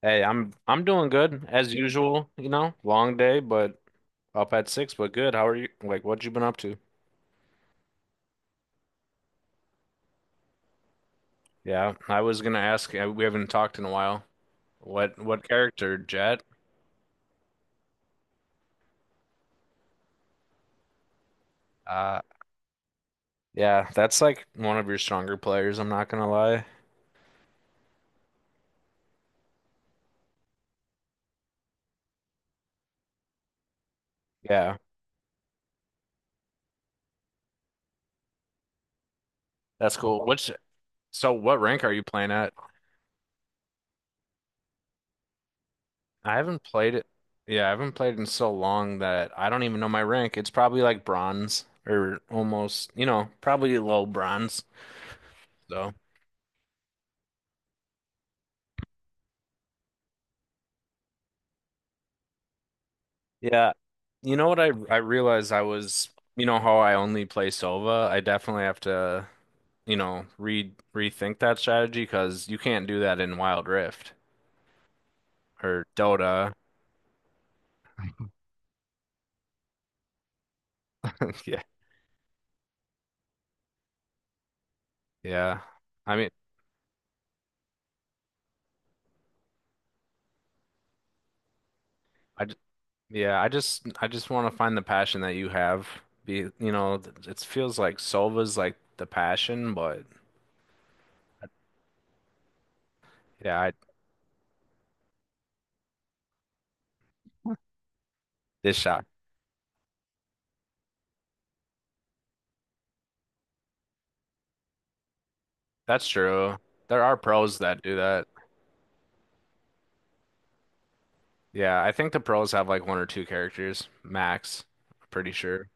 Hey, I'm doing good as usual. Long day, but up at 6, but good. How are you? Like, what you been up to? Yeah, I was gonna ask. We haven't talked in a while. What character, Jet? Uh, yeah, that's like one of your stronger players. I'm not gonna lie. Yeah, that's cool. What's so? What rank are you playing at? I haven't played it. Yeah, I haven't played in so long that I don't even know my rank. It's probably like bronze or almost, probably low bronze. So. Yeah. You know what I realized you know how I only play Sova? I definitely have to, re rethink that strategy because you can't do that in Wild Rift or Dota. Yeah. Yeah. I mean, I j- yeah, I just want to find the passion that you have. Be, it feels like Sova's like the passion, but yeah, I this shot. That's true. There are pros that do that. Yeah, I think the pros have like one or two characters max. Pretty sure.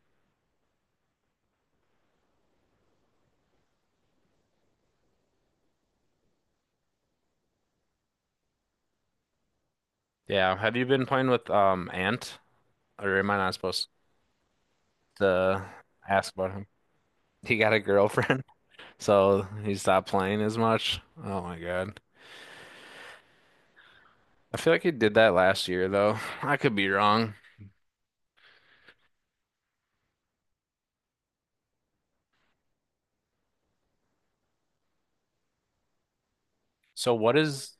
Yeah, have you been playing with Ant? Or am I not supposed to ask about him? He got a girlfriend, so he stopped playing as much. Oh my God. I feel like he did that last year though. I could be wrong. So what is.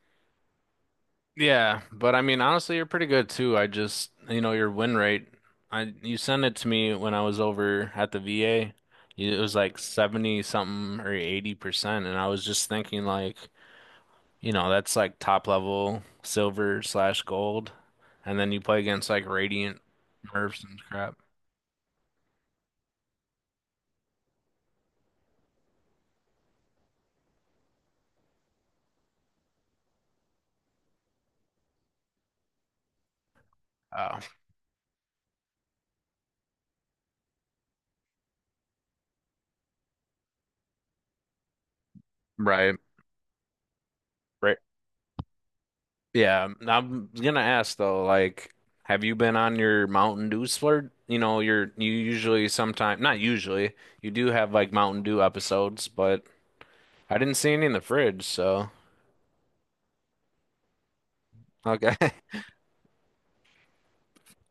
Yeah, but I mean, honestly, you're pretty good too. I just, your win rate. I you sent it to me when I was over at the VA. It was like 70 something or 80%, and I was just thinking like, that's like top level silver/gold, and then you play against like Radiant Mercs and crap. Oh, right. Right. Yeah, I'm gonna ask though, like, have you been on your Mountain Dew splurge? You know, you usually sometime not usually, you do have like Mountain Dew episodes, but I didn't see any in the fridge, so okay.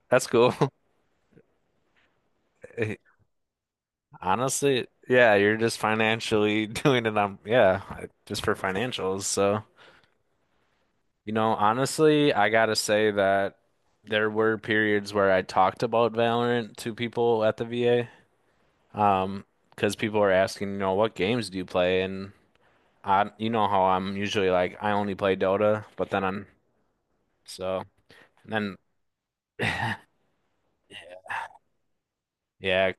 That's cool. Honestly, yeah, you're just financially doing it on yeah, just for financials. So, honestly, I gotta say that there were periods where I talked about Valorant to people at the VA. Um, because people are asking, what games do you play? And I, you know how I'm usually like, I only play Dota, but then I'm so and then yeah,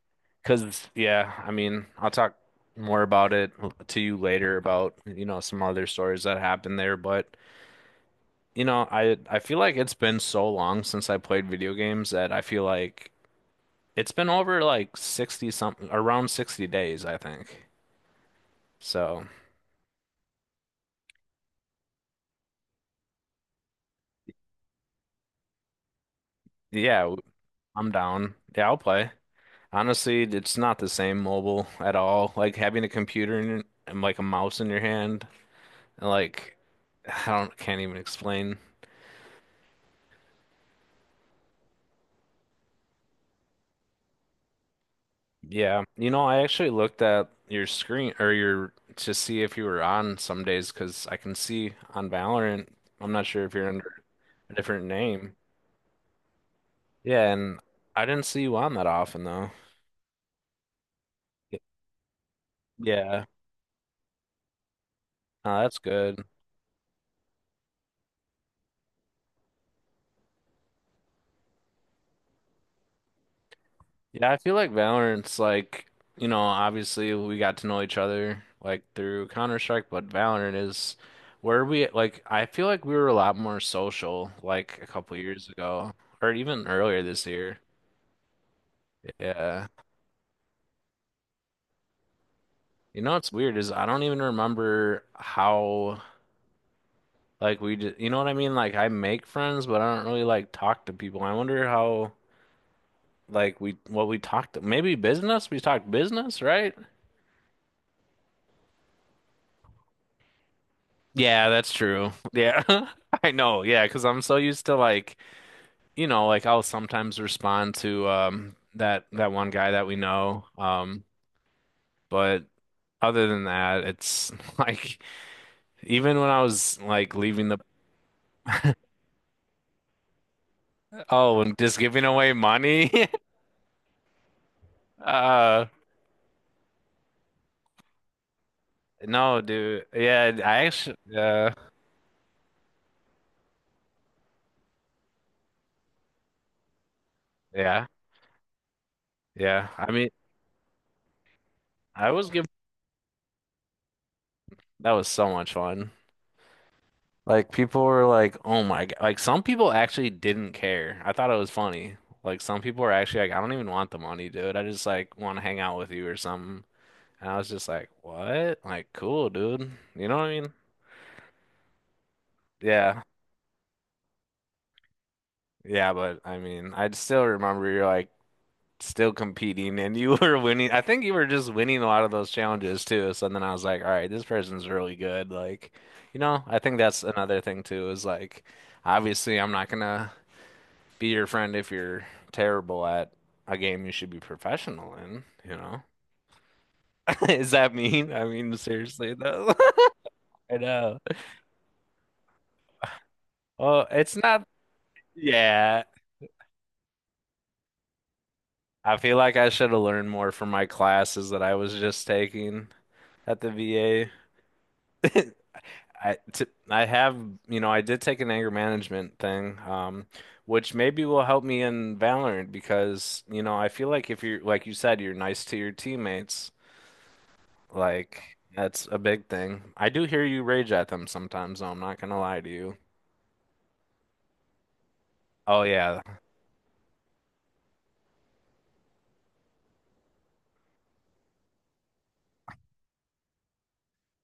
because yeah, I mean, I'll talk more about it to you later about some other stories that happened there, but I feel like it's been so long since I played video games that I feel like it's been over like 60 something around 60 days, I think. So yeah, I'm down. Yeah, I'll play. Honestly, it's not the same mobile at all. Like having a computer in, and like a mouse in your hand, and like I don't can't even explain. Yeah, I actually looked at your screen or your to see if you were on some days because I can see on Valorant. I'm not sure if you're under a different name. Yeah, and I didn't see you on that often though. Y- Yeah, that's good. Yeah, I feel like Valorant's like, obviously we got to know each other like through Counter-Strike, but Valorant is where we like I feel like we were a lot more social like a couple years ago or even earlier this year. Yeah. You know what's weird is I don't even remember how like we did, you know what I mean? Like I make friends, but I don't really like talk to people. I wonder how like we what we talked maybe business? We talked business, right? Yeah, that's true. Yeah. I know. Yeah, 'cause I'm so used to like, like I'll sometimes respond to that one guy that we know. But other than that, it's like even when I was like leaving. The Oh, and just giving away money. Uh, no, dude. Yeah, I actually yeah. Yeah. I mean, I was giving that was so much fun. Like people were like, "Oh my God." Like some people actually didn't care. I thought it was funny. Like some people were actually like, "I don't even want the money, dude. I just like want to hang out with you or something." And I was just like, "What? Like cool, dude." You know what I mean? Yeah. Yeah, but I mean, I still remember you're like still competing and you were winning. I think you were just winning a lot of those challenges too. So then I was like, "All right, this person's really good." Like, I think that's another thing too is like obviously I'm not gonna be your friend if you're terrible at a game you should be professional in, you know? Is that mean? I mean, seriously, though. I know. Well, it's not, yeah. I feel like I should have learned more from my classes that I was just taking at the VA. I have, I did take an anger management thing, which maybe will help me in Valorant because, I feel like if you're, like you said, you're nice to your teammates. Like, that's a big thing. I do hear you rage at them sometimes, though. I'm not gonna lie to you. Oh yeah,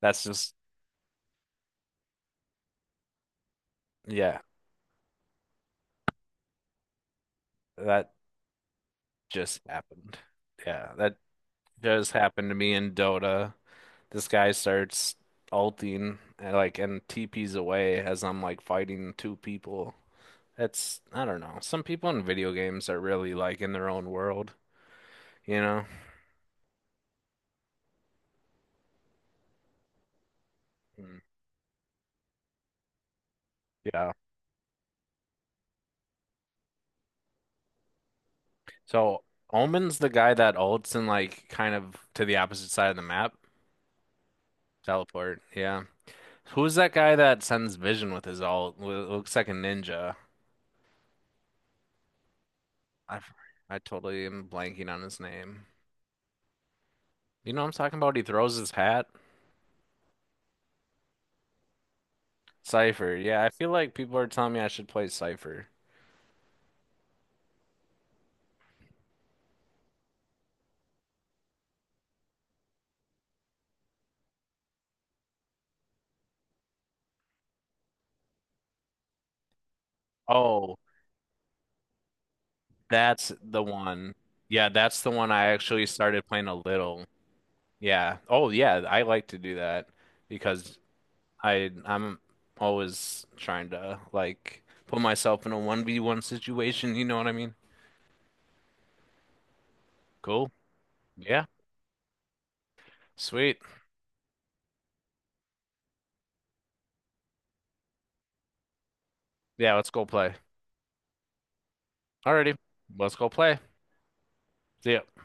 that's just, yeah, that just happened. Yeah, that just happened to me in Dota. This guy starts ulting and TPs away as I'm like fighting two people. That's I don't know. Some people in video games are really like in their own world, you know? Mm, yeah. So Omen's the guy that ults and like kind of to the opposite side of the map. Teleport, yeah. Who's that guy that sends Vision with his ult? Looks like a ninja. I I totally am blanking on his name. You know what I'm talking about? He throws his hat. Cypher. Yeah, I feel like people are telling me I should play Cypher. Oh, that's the one. Yeah, that's the one I actually started playing a little. Yeah. Oh, yeah, I like to do that because I'm always trying to like put myself in a 1v1 situation, you know what I mean? Cool. Yeah. Sweet. Yeah, let's go play. Alrighty, let's go play. See ya.